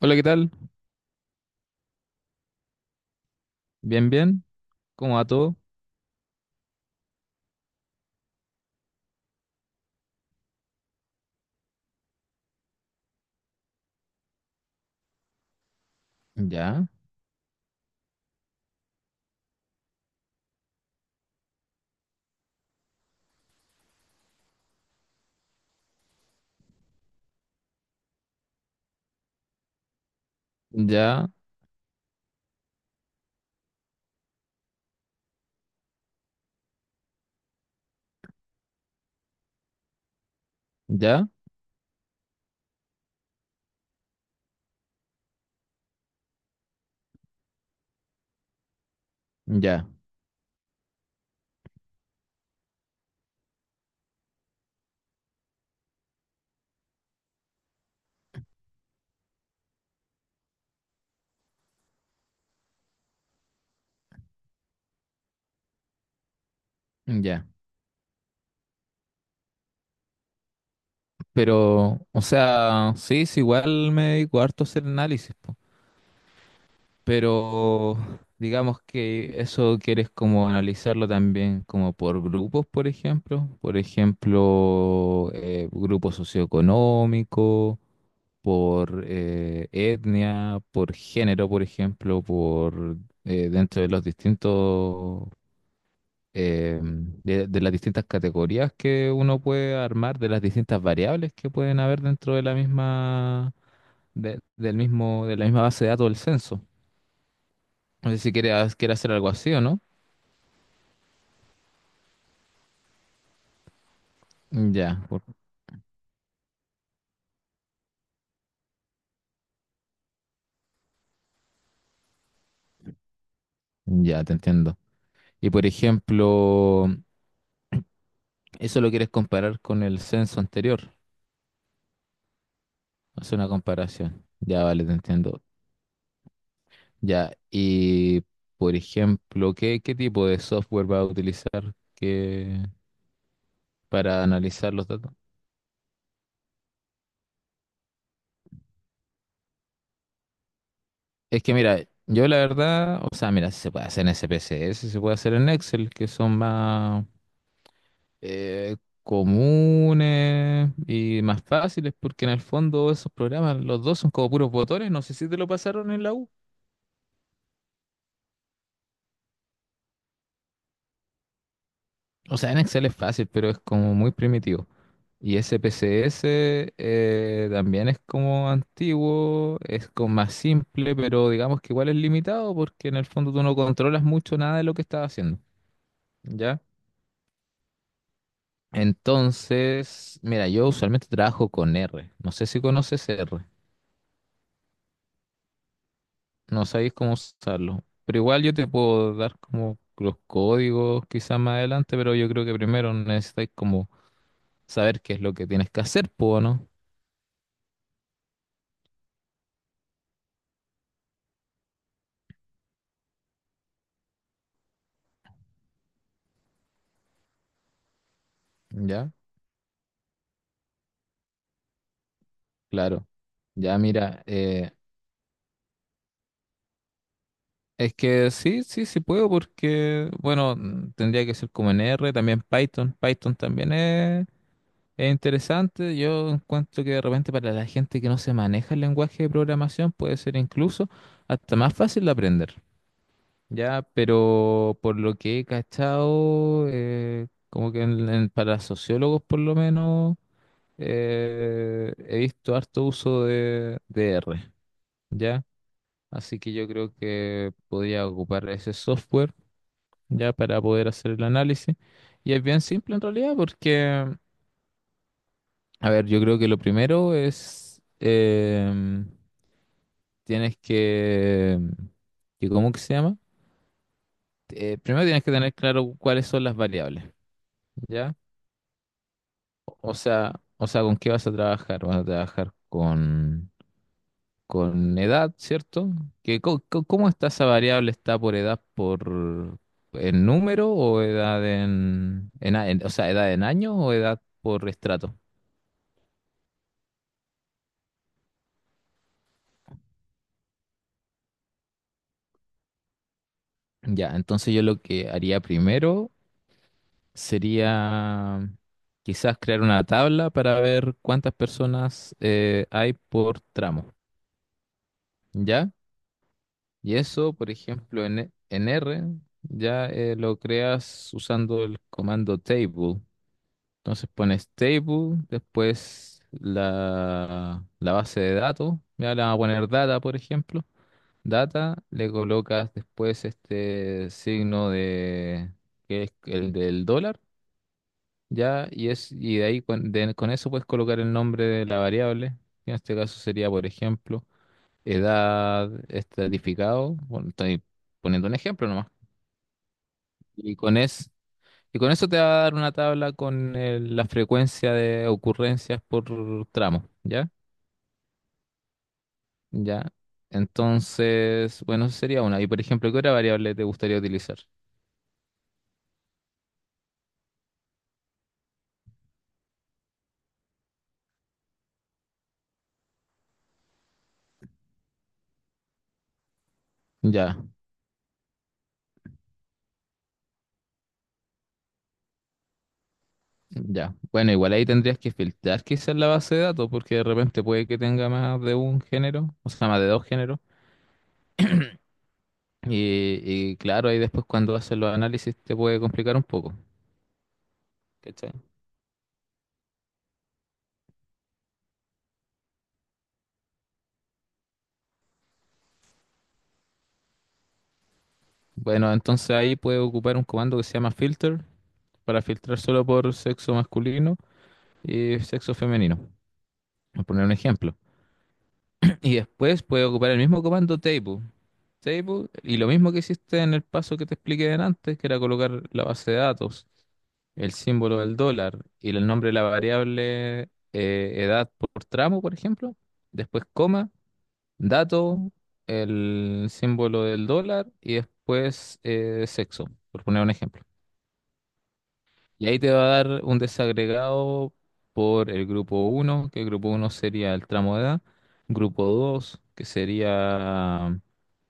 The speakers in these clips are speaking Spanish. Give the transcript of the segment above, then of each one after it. Hola, ¿qué tal? Bien, bien. ¿Cómo va todo? Ya, ya, ya, ya, ya. Pero, o sea, sí, sí, igual me dedico harto a hacer análisis, po. Pero digamos que eso quieres como analizarlo también como por grupos, por ejemplo. Por ejemplo, grupo socioeconómico, por etnia, por género, por ejemplo, por dentro de los distintos de las distintas categorías que uno puede armar, de las distintas variables que pueden haber dentro de la misma, del mismo, de la misma base de datos del censo. No sé si quieres hacer algo así o no. Ya, por- ya te entiendo. Y por ejemplo, eso lo quieres comparar con el censo anterior. Hacer una comparación. Ya, vale, te entiendo. Ya, y por ejemplo, ¿qué, qué tipo de software va a utilizar que, para analizar los datos? Es que mira, yo la verdad, o sea, mira, si se puede hacer en SPSS, se puede hacer en Excel, que son más eh, comunes y más fáciles, porque en el fondo esos programas, los dos son como puros botones, no sé si te lo pasaron en la U. O sea, en Excel es fácil, pero es como muy primitivo. Y SPSS también es como antiguo, es como más simple, pero digamos que igual es limitado, porque en el fondo tú no controlas mucho nada de lo que estás haciendo, ¿ya? Entonces, mira, yo usualmente trabajo con R. No sé si conoces R. No sabéis cómo usarlo. Pero igual yo te puedo dar como los códigos quizás más adelante, pero yo creo que primero necesitáis como saber qué es lo que tienes que hacer, ¿puedo no? ¿Ya? Claro. Ya, mira, es que sí, sí, sí puedo porque, bueno, tendría que ser como en R, también Python. Python también es. Es interesante, yo encuentro que de repente para la gente que no se maneja el lenguaje de programación puede ser incluso hasta más fácil de aprender, ¿ya? Pero por lo que he cachado, como que para sociólogos por lo menos, he visto harto uso de R, ¿ya? Así que yo creo que podría ocupar ese software, ¿ya? Para poder hacer el análisis. Y es bien simple en realidad porque... A ver, yo creo que lo primero es, tienes que, ¿cómo que se llama? Primero tienes que tener claro cuáles son las variables, ¿ya? O sea, ¿con qué vas a trabajar? Vas a trabajar con edad, ¿cierto? Que, ¿cómo está esa variable? ¿Está por edad por en número o edad en, o sea, edad en año o edad por estrato? Ya, entonces yo lo que haría primero sería quizás crear una tabla para ver cuántas personas hay por tramo, ¿ya? Y eso, por ejemplo, en, en R, ya lo creas usando el comando table. Entonces pones table, después la, la base de datos, ya le vamos a poner data, por ejemplo. Data, le colocas después este signo de, que es el del dólar. Ya, y es, y de ahí con, con eso puedes colocar el nombre de la variable, que en este caso sería, por ejemplo, edad estratificado. Bueno, estoy poniendo un ejemplo nomás. Y con es, y con eso te va a dar una tabla con la frecuencia de ocurrencias por tramo, ¿ya? Ya. Entonces, bueno, eso sería una. Y por ejemplo, ¿qué otra variable te gustaría utilizar? Ya. Ya. Bueno, igual ahí tendrías que filtrar quizás la base de datos, porque de repente puede que tenga más de un género, o sea, más de dos géneros. Y claro, ahí después cuando haces los análisis te puede complicar un poco. ¿Cachai? Bueno, entonces ahí puedes ocupar un comando que se llama filter para filtrar solo por sexo masculino y sexo femenino. Por poner un ejemplo. Y después puedes ocupar el mismo comando table. Table, y lo mismo que hiciste en el paso que te expliqué antes, que era colocar la base de datos, el símbolo del dólar y el nombre de la variable, edad por tramo, por ejemplo, después coma, dato, el símbolo del dólar y después sexo, por poner un ejemplo. Y ahí te va a dar un desagregado por el grupo uno que el grupo uno sería el tramo de edad, grupo 2 que sería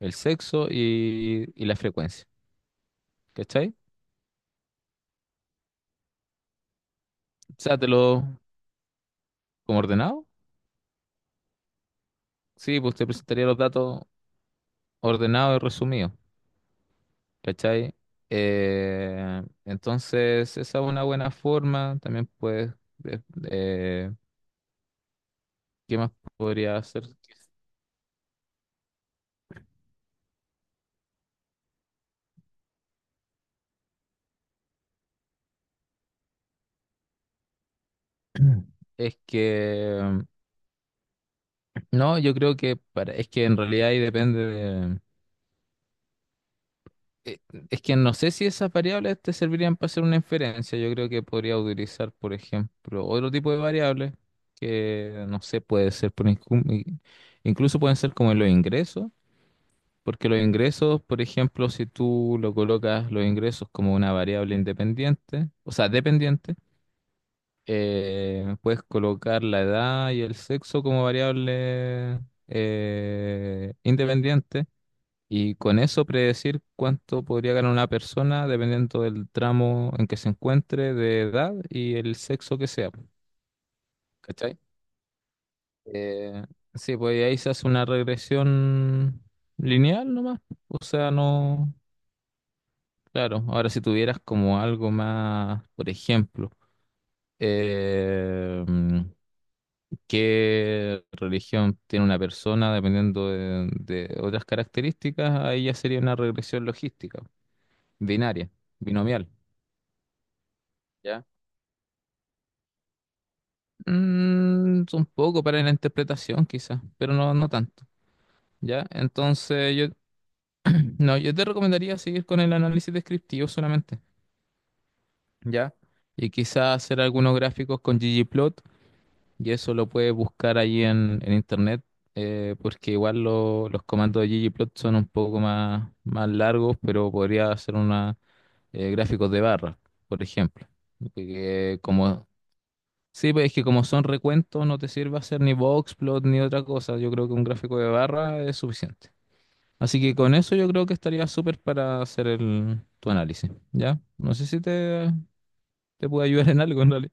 el sexo y la frecuencia. ¿Cachai? O sea, te lo como ordenado. Sí, pues te presentaría los datos ordenado y resumido, ¿cachai? Entonces, esa es una buena forma. También puedes, ¿qué más podría hacer? Es que, no, yo creo que para, es que en realidad ahí depende de... eh, es que no sé si esas variables te servirían para hacer una inferencia. Yo creo que podría utilizar, por ejemplo, otro tipo de variables que, no sé, puede ser, por incluso pueden ser como los ingresos. Porque los ingresos, por ejemplo, si tú lo colocas los ingresos como una variable independiente, o sea, dependiente, puedes colocar la edad y el sexo como variable independiente y con eso predecir cuánto podría ganar una persona dependiendo del tramo en que se encuentre de edad y el sexo que sea, po. ¿Cachai? Eh, sí, pues ahí se hace una regresión lineal nomás. O sea, no. Claro, ahora si tuvieras como algo más, por ejemplo, eh, mm, qué religión tiene una persona dependiendo de otras características, ahí ya sería una regresión logística, binaria, binomial, ¿ya? Mm, un poco para la interpretación quizás, pero no, no tanto, ¿ya? Entonces yo, no, yo te recomendaría seguir con el análisis descriptivo solamente, ¿ya? Y quizás hacer algunos gráficos con ggplot. Y eso lo puedes buscar allí en internet, porque igual los comandos de ggplot son un poco más, más largos, pero podría hacer una, gráficos de barra, por ejemplo. Que como, sí, pues es que como son recuentos, no te sirve hacer ni boxplot ni otra cosa. Yo creo que un gráfico de barra es suficiente. Así que con eso yo creo que estaría súper para hacer el, tu análisis, ¿ya? No sé si te, te puede ayudar en algo, en...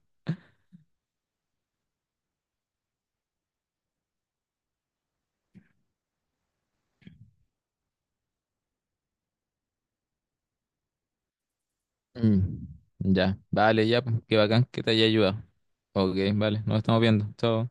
Mm, ya, vale, ya, pues, qué bacán que te haya ayudado. Ok, vale, nos estamos viendo. Chao.